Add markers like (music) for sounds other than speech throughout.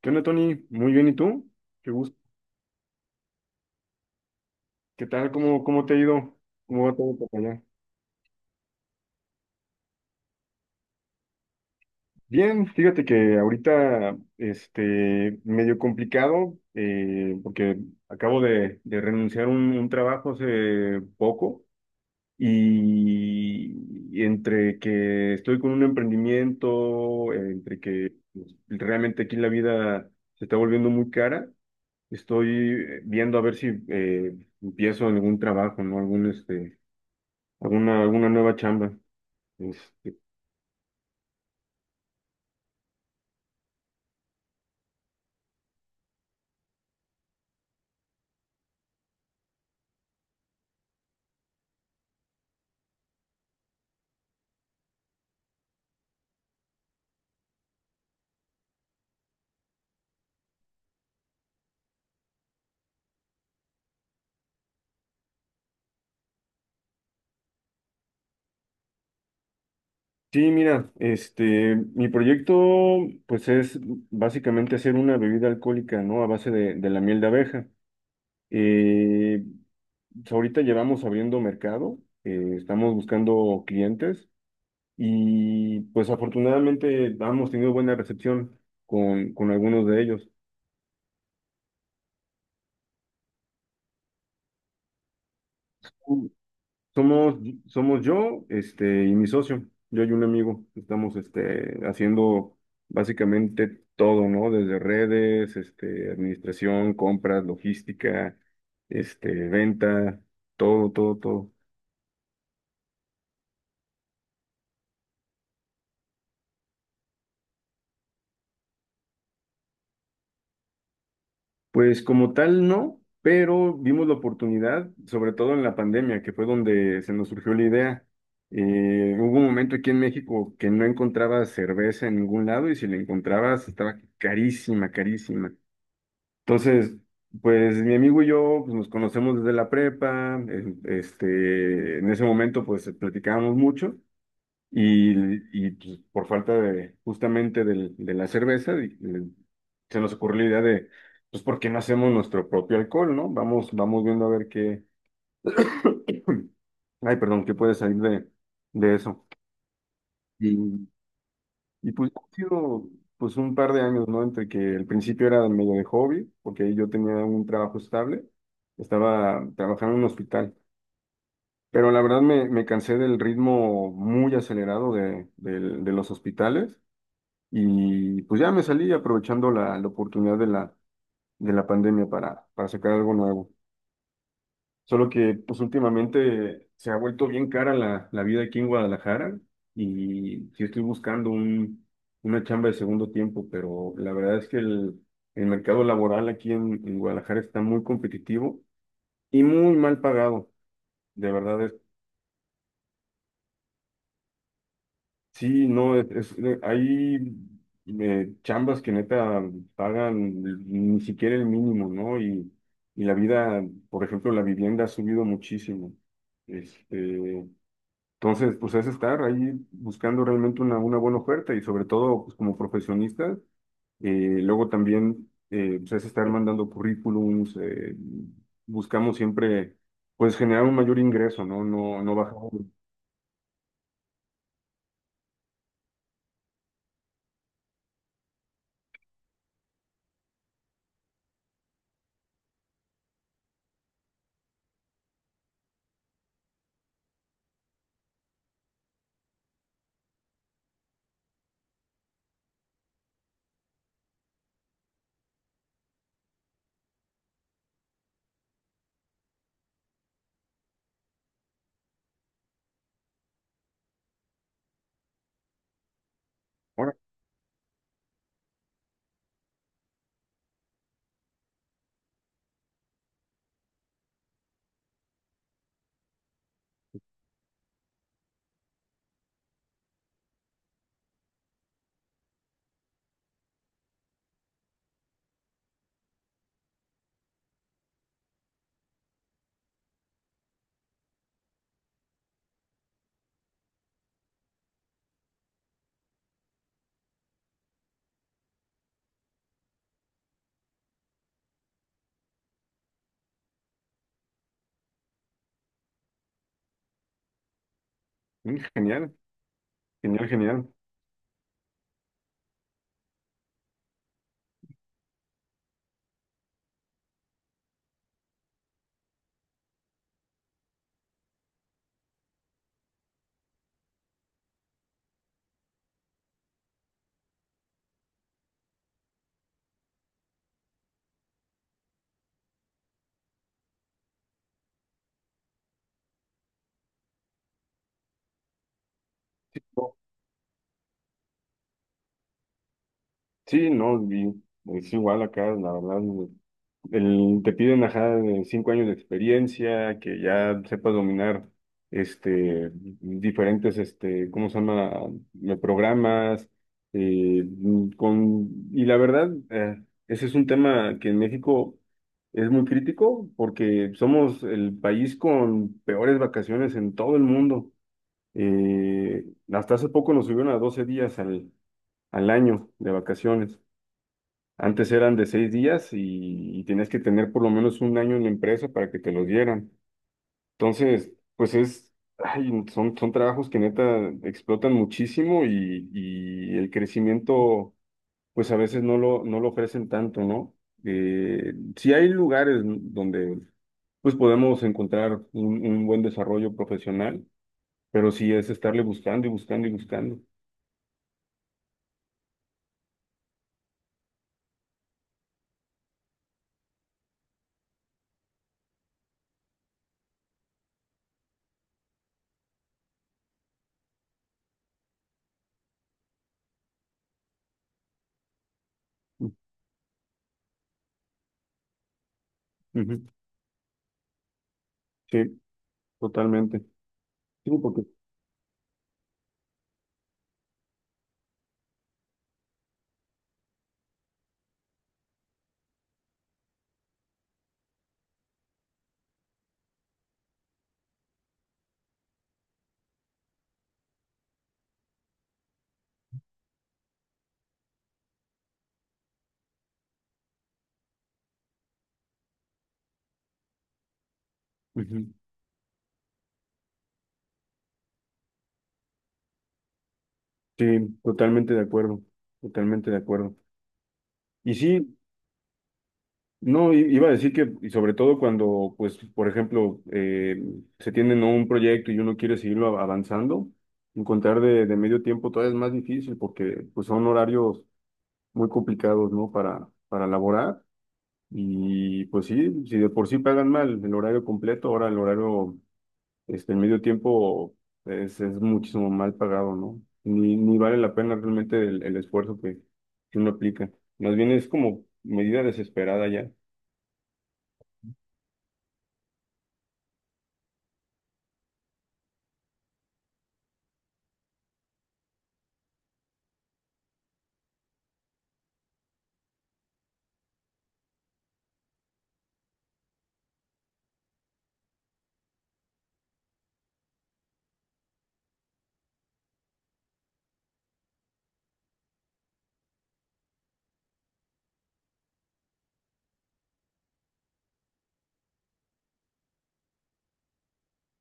¿Qué onda, Tony? Muy bien, ¿y tú? ¿Qué gusto? ¿Qué tal? ¿Cómo te ha ido? ¿Cómo va todo por allá? Bien, fíjate que ahorita, medio complicado, porque acabo de renunciar a un trabajo hace poco y, entre que estoy con un emprendimiento, entre que pues, realmente aquí la vida se está volviendo muy cara, estoy viendo a ver si empiezo algún trabajo, ¿no? Alguna nueva chamba. Este, sí, mira, mi proyecto, pues es básicamente hacer una bebida alcohólica, ¿no? A base de la miel de abeja. Eh, pues, ahorita llevamos abriendo mercado, estamos buscando clientes y pues afortunadamente hemos tenido buena recepción con algunos de ellos. Somos, somos yo, y mi socio. Yo y un amigo. Estamos, haciendo básicamente todo, ¿no? Desde redes, administración, compras, logística, venta, todo, todo, todo. Pues como tal, no, pero vimos la oportunidad, sobre todo en la pandemia, que fue donde se nos surgió la idea. Hubo un momento aquí en México que no encontraba cerveza en ningún lado, y si la encontrabas estaba carísima, carísima. Entonces, pues mi amigo y yo pues, nos conocemos desde la prepa, en ese momento pues platicábamos mucho y, pues, por falta de justamente de la cerveza se nos ocurrió la idea de, pues, ¿por qué no hacemos nuestro propio alcohol, no? Vamos viendo a ver qué, (coughs) (clears throat) ay, perdón, qué puede salir de eso. Y pues ha sido pues un par de años, ¿no? Entre que el principio era medio de hobby, porque ahí yo tenía un trabajo estable, estaba trabajando en un hospital, pero la verdad me cansé del ritmo muy acelerado de los hospitales, y pues ya me salí aprovechando la oportunidad de la pandemia para sacar algo nuevo. Solo que pues últimamente se ha vuelto bien cara la vida aquí en Guadalajara, y sí estoy buscando una chamba de segundo tiempo, pero la verdad es que el mercado laboral aquí en Guadalajara está muy competitivo y muy mal pagado. De verdad, es, sí, no, es, hay chambas que neta pagan ni siquiera el mínimo, ¿no? Y la vida, por ejemplo, la vivienda ha subido muchísimo. Este, Entonces, pues es estar ahí buscando realmente una buena oferta, y sobre todo pues, como profesionistas. Luego también pues, es estar mandando currículums, buscamos siempre pues generar un mayor ingreso, ¿no? No, no bajar. Ahora, genial, genial, genial. Sí, no, sí, no, y es igual acá, la verdad. Te piden ajá, de 5 años de experiencia, que ya sepas dominar diferentes, ¿cómo se llama? Programas. eh, y la verdad, ese es un tema que en México es muy crítico porque somos el país con peores vacaciones en todo el mundo. Eh, Hasta hace poco nos subieron a 12 días al año de vacaciones. Antes eran de 6 días, y tenías que tener por lo menos un año en la empresa para que te los dieran. Entonces, pues es, ay, son trabajos que neta explotan muchísimo, y el crecimiento, pues a veces no lo ofrecen tanto, ¿no? Sí hay lugares donde pues podemos encontrar un buen desarrollo profesional, pero sí es estarle buscando y buscando y buscando. Ujú. Sí, totalmente. Sí, porque. Ujú. Sí, totalmente de acuerdo, totalmente de acuerdo. Y sí, no, iba a decir que, y sobre todo cuando, pues, por ejemplo, se tiene ¿no? un proyecto y uno quiere seguirlo avanzando, encontrar de medio tiempo todavía es más difícil porque, pues, son horarios muy complicados, ¿no? Para laborar. Y, pues, sí, si de por sí pagan mal el horario completo, ahora el medio tiempo es muchísimo mal pagado, ¿no? Ni vale la pena realmente el esfuerzo que uno aplica. Más bien es como medida desesperada ya.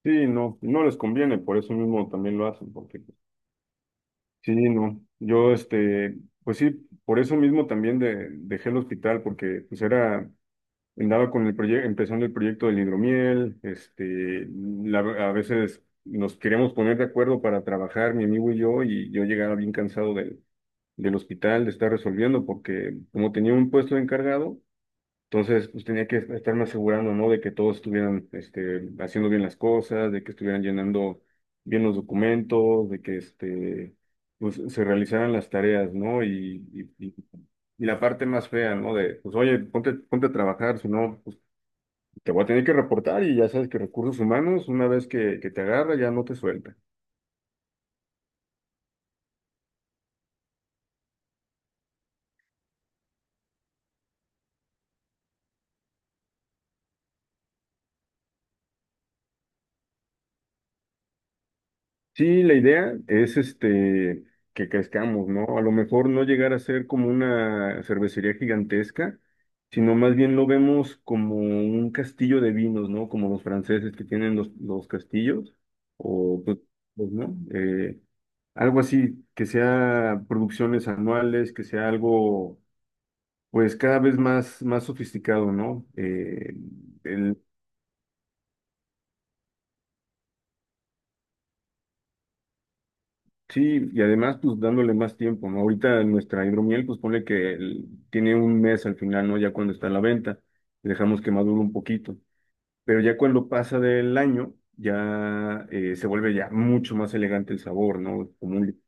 Sí, no, no les conviene, por eso mismo también lo hacen, porque sí, no. Yo, pues sí, por eso mismo también dejé el hospital, porque pues era, andaba con el proyecto, empezando el proyecto del hidromiel, la- a veces nos queríamos poner de acuerdo para trabajar, mi amigo y yo llegaba bien cansado del hospital, de estar resolviendo, porque como tenía un puesto de encargado, entonces pues tenía que estarme asegurando, ¿no? De que todos estuvieran haciendo bien las cosas, de que estuvieran llenando bien los documentos, de que pues, se realizaran las tareas, ¿no? Y, y- y la parte más fea, ¿no? Pues oye, ponte, ponte a trabajar, si no, pues te voy a tener que reportar, y ya sabes que recursos humanos, una vez que te agarra, ya no te suelta. Sí, la idea es que crezcamos, ¿no? A lo mejor no llegar a ser como una cervecería gigantesca, sino más bien lo vemos como un castillo de vinos, ¿no? Como los franceses que tienen los castillos, o pues, ¿no? Algo así, que sea producciones anuales, que sea algo, pues cada vez más, sofisticado, ¿no? Sí, y además, pues dándole más tiempo, ¿no? Ahorita nuestra hidromiel, pues pone que tiene un mes al final, ¿no? Ya cuando está a la venta, dejamos que madure un poquito. Pero ya cuando pasa del año, ya se vuelve ya mucho más elegante el sabor, ¿no?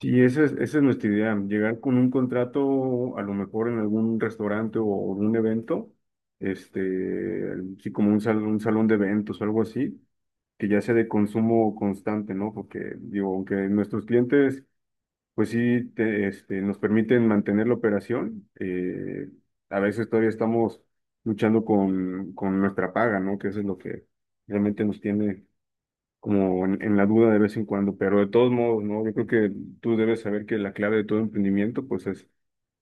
Sí, esa es nuestra idea, llegar con un contrato a lo mejor en algún restaurante o un evento, este, sí, como un salón, de eventos o algo así, que ya sea de consumo constante, ¿no? Porque digo, aunque nuestros clientes, pues sí, nos permiten mantener la operación, a veces todavía estamos luchando con nuestra paga, ¿no? Que eso es lo que realmente nos tiene como en la duda de vez en cuando, pero de todos modos, ¿no? Yo creo que tú debes saber que la clave de todo emprendimiento, pues es,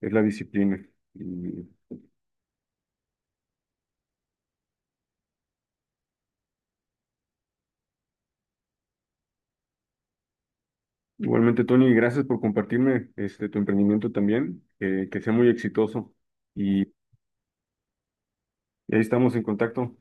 es la disciplina. Y igualmente, Tony, gracias por compartirme tu emprendimiento también, que sea muy exitoso, y ahí estamos en contacto.